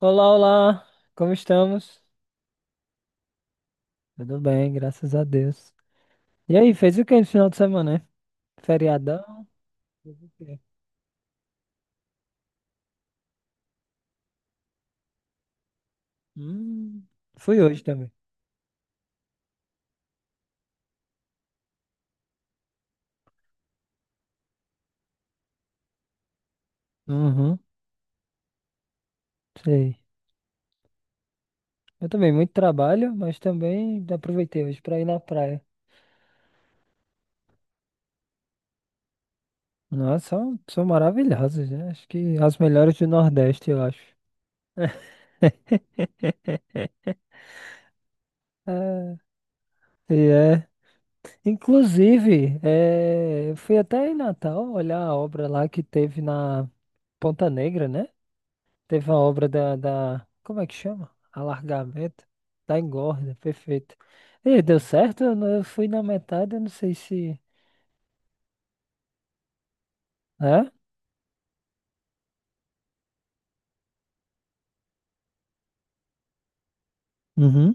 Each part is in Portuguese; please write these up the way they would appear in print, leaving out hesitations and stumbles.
Olá, olá, como estamos? Tudo bem, graças a Deus. E aí, fez o que no final de semana, né? Feriadão? Fez o quê? Hum, fui hoje também. Uhum, sei. Eu também, muito trabalho, mas também aproveitei hoje pra ir na praia. Nossa, são maravilhosas, né? Acho que as melhores do Nordeste, eu acho. É, e é. Inclusive, eu fui até em Natal olhar a obra lá que teve na Ponta Negra, né? Teve uma obra da... Como é que chama? Alargamento da engorda, perfeito. E deu certo? Eu não- eu fui na metade, eu não sei se... É? Uhum.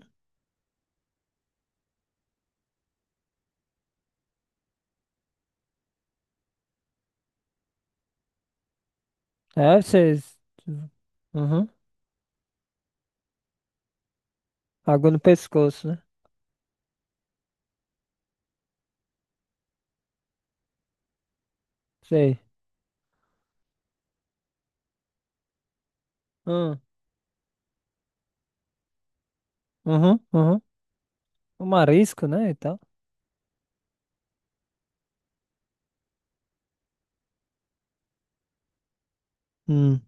É, vocês... Uhum. Água no pescoço, né? Sei. Hum. Uhum, uhum. O marisco, né, e tal. Hum.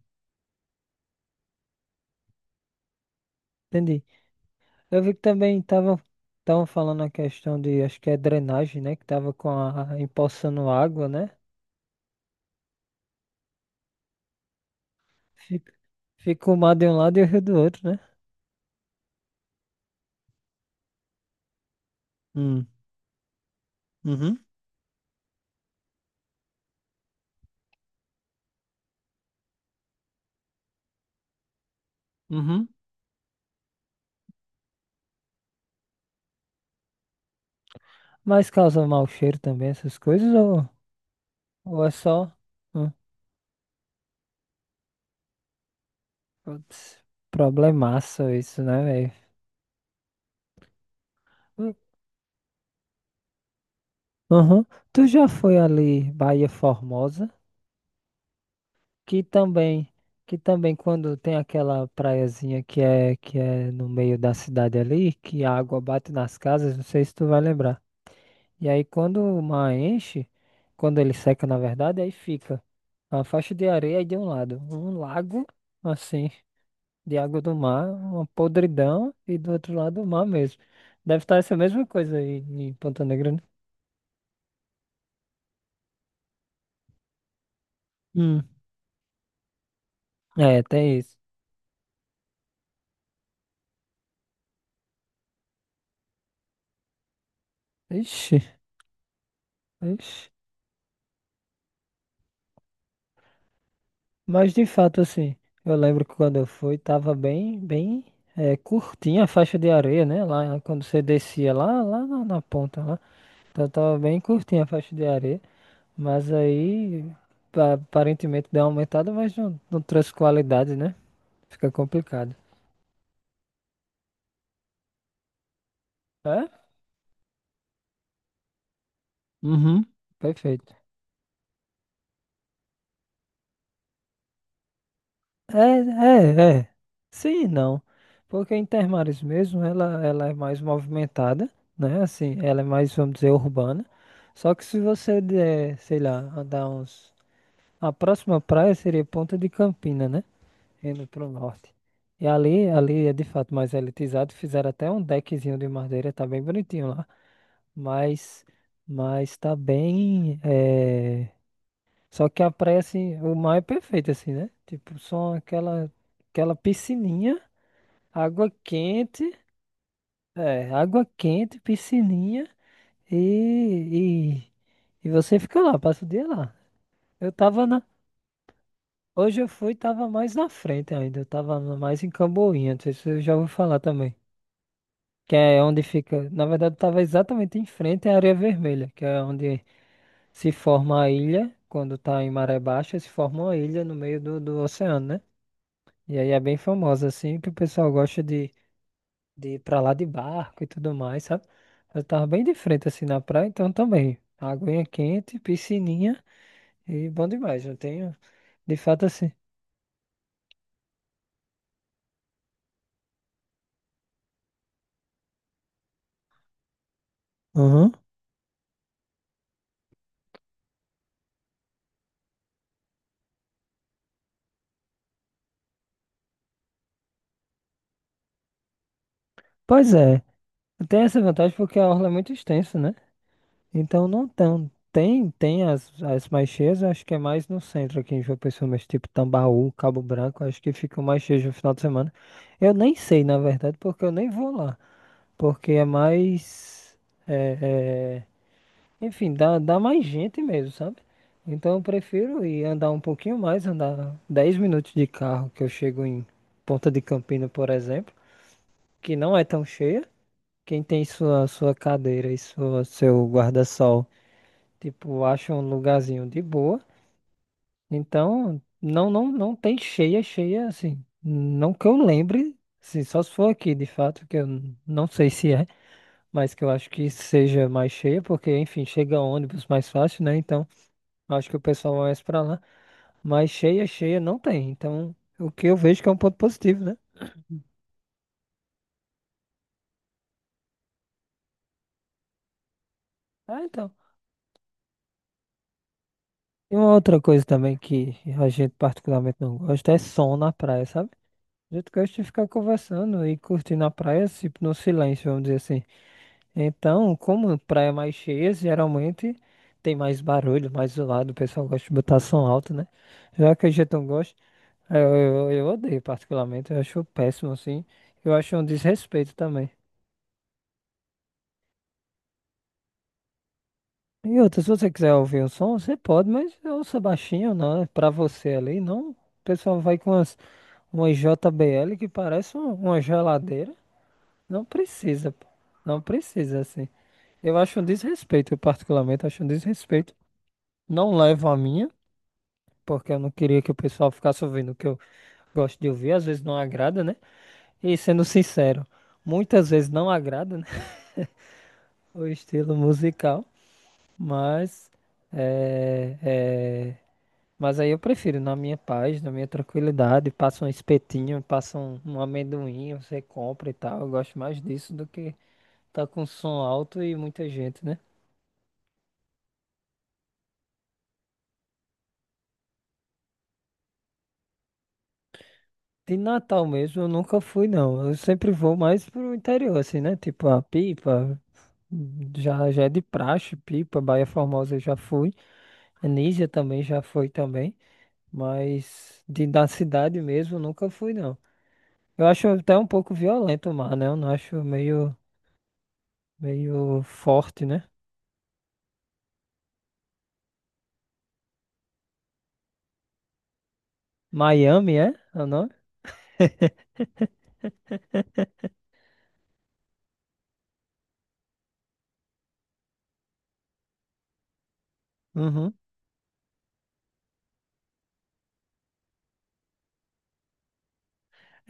Entendi. Eu vi que também estavam falando a questão de, acho que é drenagem, né, que tava com a, empoçando água, né? Fica, fica o mar de um lado e o rio do outro, né? Hum. Uhum. Uhum. Mas causa mau cheiro também, essas coisas, ou é só hum, putz, problemaço isso, né, velho? Hum, Aham. Tu já foi ali, Bahia Formosa, que também, que também quando tem aquela praiazinha que é no meio da cidade ali, que a água bate nas casas, não sei se tu vai lembrar. E aí quando o mar enche, quando ele seca, na verdade, aí fica uma faixa de areia aí de um lado, um lago, assim, de água do mar, uma podridão, e do outro lado o mar mesmo. Deve estar essa mesma coisa aí em Ponta Negra, né? Hum, é, tem isso. Ixi, ixi. Mas de fato, assim, eu lembro que quando eu fui, tava bem é, curtinha a faixa de areia, né? Lá quando você descia lá, lá na ponta lá. Então tava bem curtinha a faixa de areia. Mas aí aparentemente deu uma aumentada, mas não, não trouxe qualidade, né? Fica complicado. É? Uhum. Perfeito. É. Sim, e não. Porque a Intermares mesmo, ela é mais movimentada, né? Assim, ela é mais, vamos dizer, urbana. Só que se você der, sei lá, andar uns. A próxima praia seria Ponta de Campina, né? Indo pro norte. E ali é de fato mais elitizado. Fizeram até um deckzinho de madeira, tá bem bonitinho lá. Mas, mas tá bem. É, só que a praia, assim, o mar é perfeito, assim, né? Tipo, só aquela piscininha, água quente, é, água quente, piscininha e, e você fica lá, passa o dia lá. Eu tava na. Hoje eu fui, tava mais na frente ainda, mais em Camboinha, não sei se eu já ouvi falar também. Que é onde fica, na verdade, eu tava exatamente em frente à Areia Vermelha, que é onde se forma a ilha, quando tá em maré baixa, se forma uma ilha no meio do oceano, né? E aí é bem famosa, assim, que o pessoal gosta de ir pra lá de barco e tudo mais, sabe? Eu tava bem de frente, assim, na praia, então também. Aguinha quente, piscininha e bom demais. Eu tenho, de fato, assim. Uhum. Pois é, tem essa vantagem porque a orla é muito extensa, né? Então não tão. Tem as, as mais cheias, eu acho que é mais no centro aqui em João Pessoa, mas tipo Tambaú, Cabo Branco, acho que ficam mais cheias no final de semana. Eu nem sei, na verdade, porque eu nem vou lá. Porque é mais. É, enfim, dá mais gente mesmo, sabe? Então eu prefiro ir andar um pouquinho mais, andar 10 minutos de carro, que eu chego em Ponta de Campina, por exemplo, que não é tão cheia. Quem tem sua cadeira e seu guarda-sol, tipo, acha um lugarzinho de boa. Então, não tem cheia, cheia assim. Não que eu lembre, assim, só se for aqui, de fato, que eu não sei se é. Mas que eu acho que seja mais cheia, porque, enfim, chega ônibus mais fácil, né? Então, acho que o pessoal vai mais pra lá. Mas cheia, cheia não tem. Então, o que eu vejo que é um ponto positivo, né? Ah, então. E uma outra coisa também que a gente particularmente não gosta é som na praia, sabe? A gente gosta de ficar conversando e curtindo a praia, tipo, no silêncio, vamos dizer assim. Então, como praia é mais cheia, geralmente tem mais barulho, mais zoado, o pessoal gosta de botar som alto, né? Já que a gente não gosta. É, eu odeio particularmente, eu acho péssimo assim. Eu acho um desrespeito também. E outra, se você quiser ouvir um som, você pode, mas ouça baixinho, não, é pra você ali, não. O pessoal vai com umas, uma JBL que parece uma geladeira. Não precisa, pô. Não precisa, assim. Eu acho um desrespeito, eu particularmente acho um desrespeito. Não levo a minha, porque eu não queria que o pessoal ficasse ouvindo o que eu gosto de ouvir, às vezes não agrada, né? E sendo sincero, muitas vezes não agrada, o estilo musical, mas é, é, mas aí eu prefiro na minha paz, na minha tranquilidade, passa um espetinho, passa um amendoim, você compra e tal. Eu gosto mais disso do que tá com som alto e muita gente, né? De Natal mesmo eu nunca fui não. Eu sempre vou mais pro interior assim, né? Tipo a Pipa, já já é de praxe, Pipa, Baía Formosa eu já fui. Anísia também já foi também. Mas de da cidade mesmo, eu nunca fui, não. Eu acho até um pouco violento o mar, né? Eu não acho meio forte, né? Miami, é? É o nome? Uhum.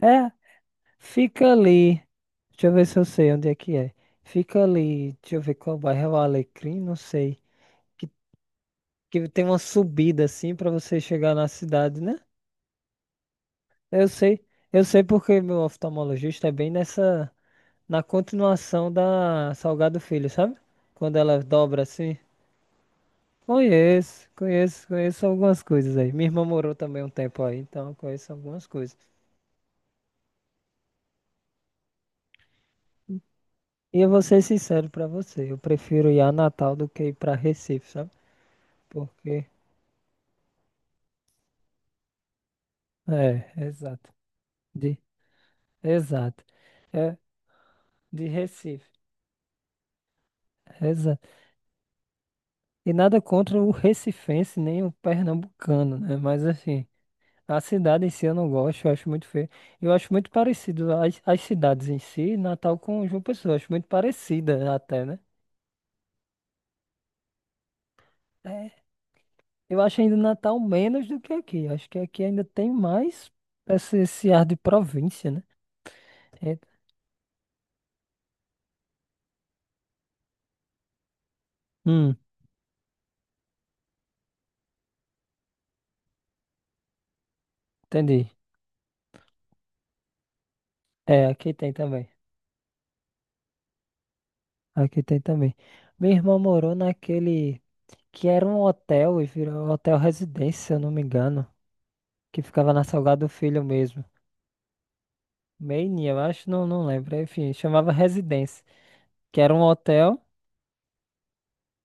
É, fica ali. Deixa eu ver se eu sei onde é que é. Fica ali, deixa eu ver qual bairro é o Alecrim, não sei. Que, que tem uma subida assim pra você chegar na cidade, né? Eu sei, eu sei porque meu oftalmologista é bem nessa, na continuação da Salgado Filho, sabe? Quando ela dobra assim. Conheço algumas coisas aí. Minha irmã morou também um tempo aí, então eu conheço algumas coisas. E eu vou ser sincero pra você, eu prefiro ir a Natal do que ir pra Recife, sabe? Porque, é, exato. De, exato. É, de Recife, exato. E nada contra o recifense nem o pernambucano, né? Mas assim, a cidade em si eu não gosto, eu acho muito feio. Eu acho muito parecido as cidades em si, Natal com João Pessoa, eu acho muito parecida até, né? É, eu acho ainda Natal menos do que aqui. Acho que aqui ainda tem mais esse ar de província, né? É- hum, entendi. É, aqui tem também. Aqui tem também. Minha irmã morou naquele que era um hotel e virou hotel residência, se eu não me engano, que ficava na Salgado Filho mesmo. Meini, eu acho, não lembro. Enfim, chamava residência, que era um hotel.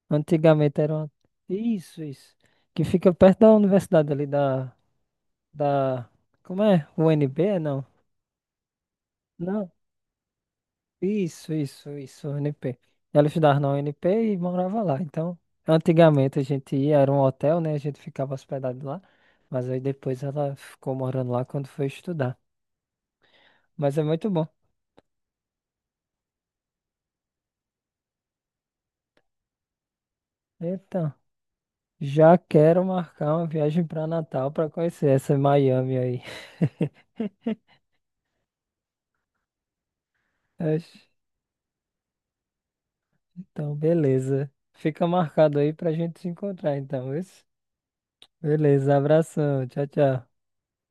Antigamente era um... Isso, isso. Que fica perto da universidade ali da... Como é? UNB? Não. Não, isso, UNP. Ela estudava na UNP e morava lá. Então, antigamente a gente ia, era um hotel, né? A gente ficava hospedado lá. Mas aí depois ela ficou morando lá quando foi estudar. Mas é muito bom. Então, já quero marcar uma viagem para Natal para conhecer essa Miami aí. Oxe, então, beleza. Fica marcado aí pra gente se encontrar, então, isso? Beleza, abração. Tchau, tchau.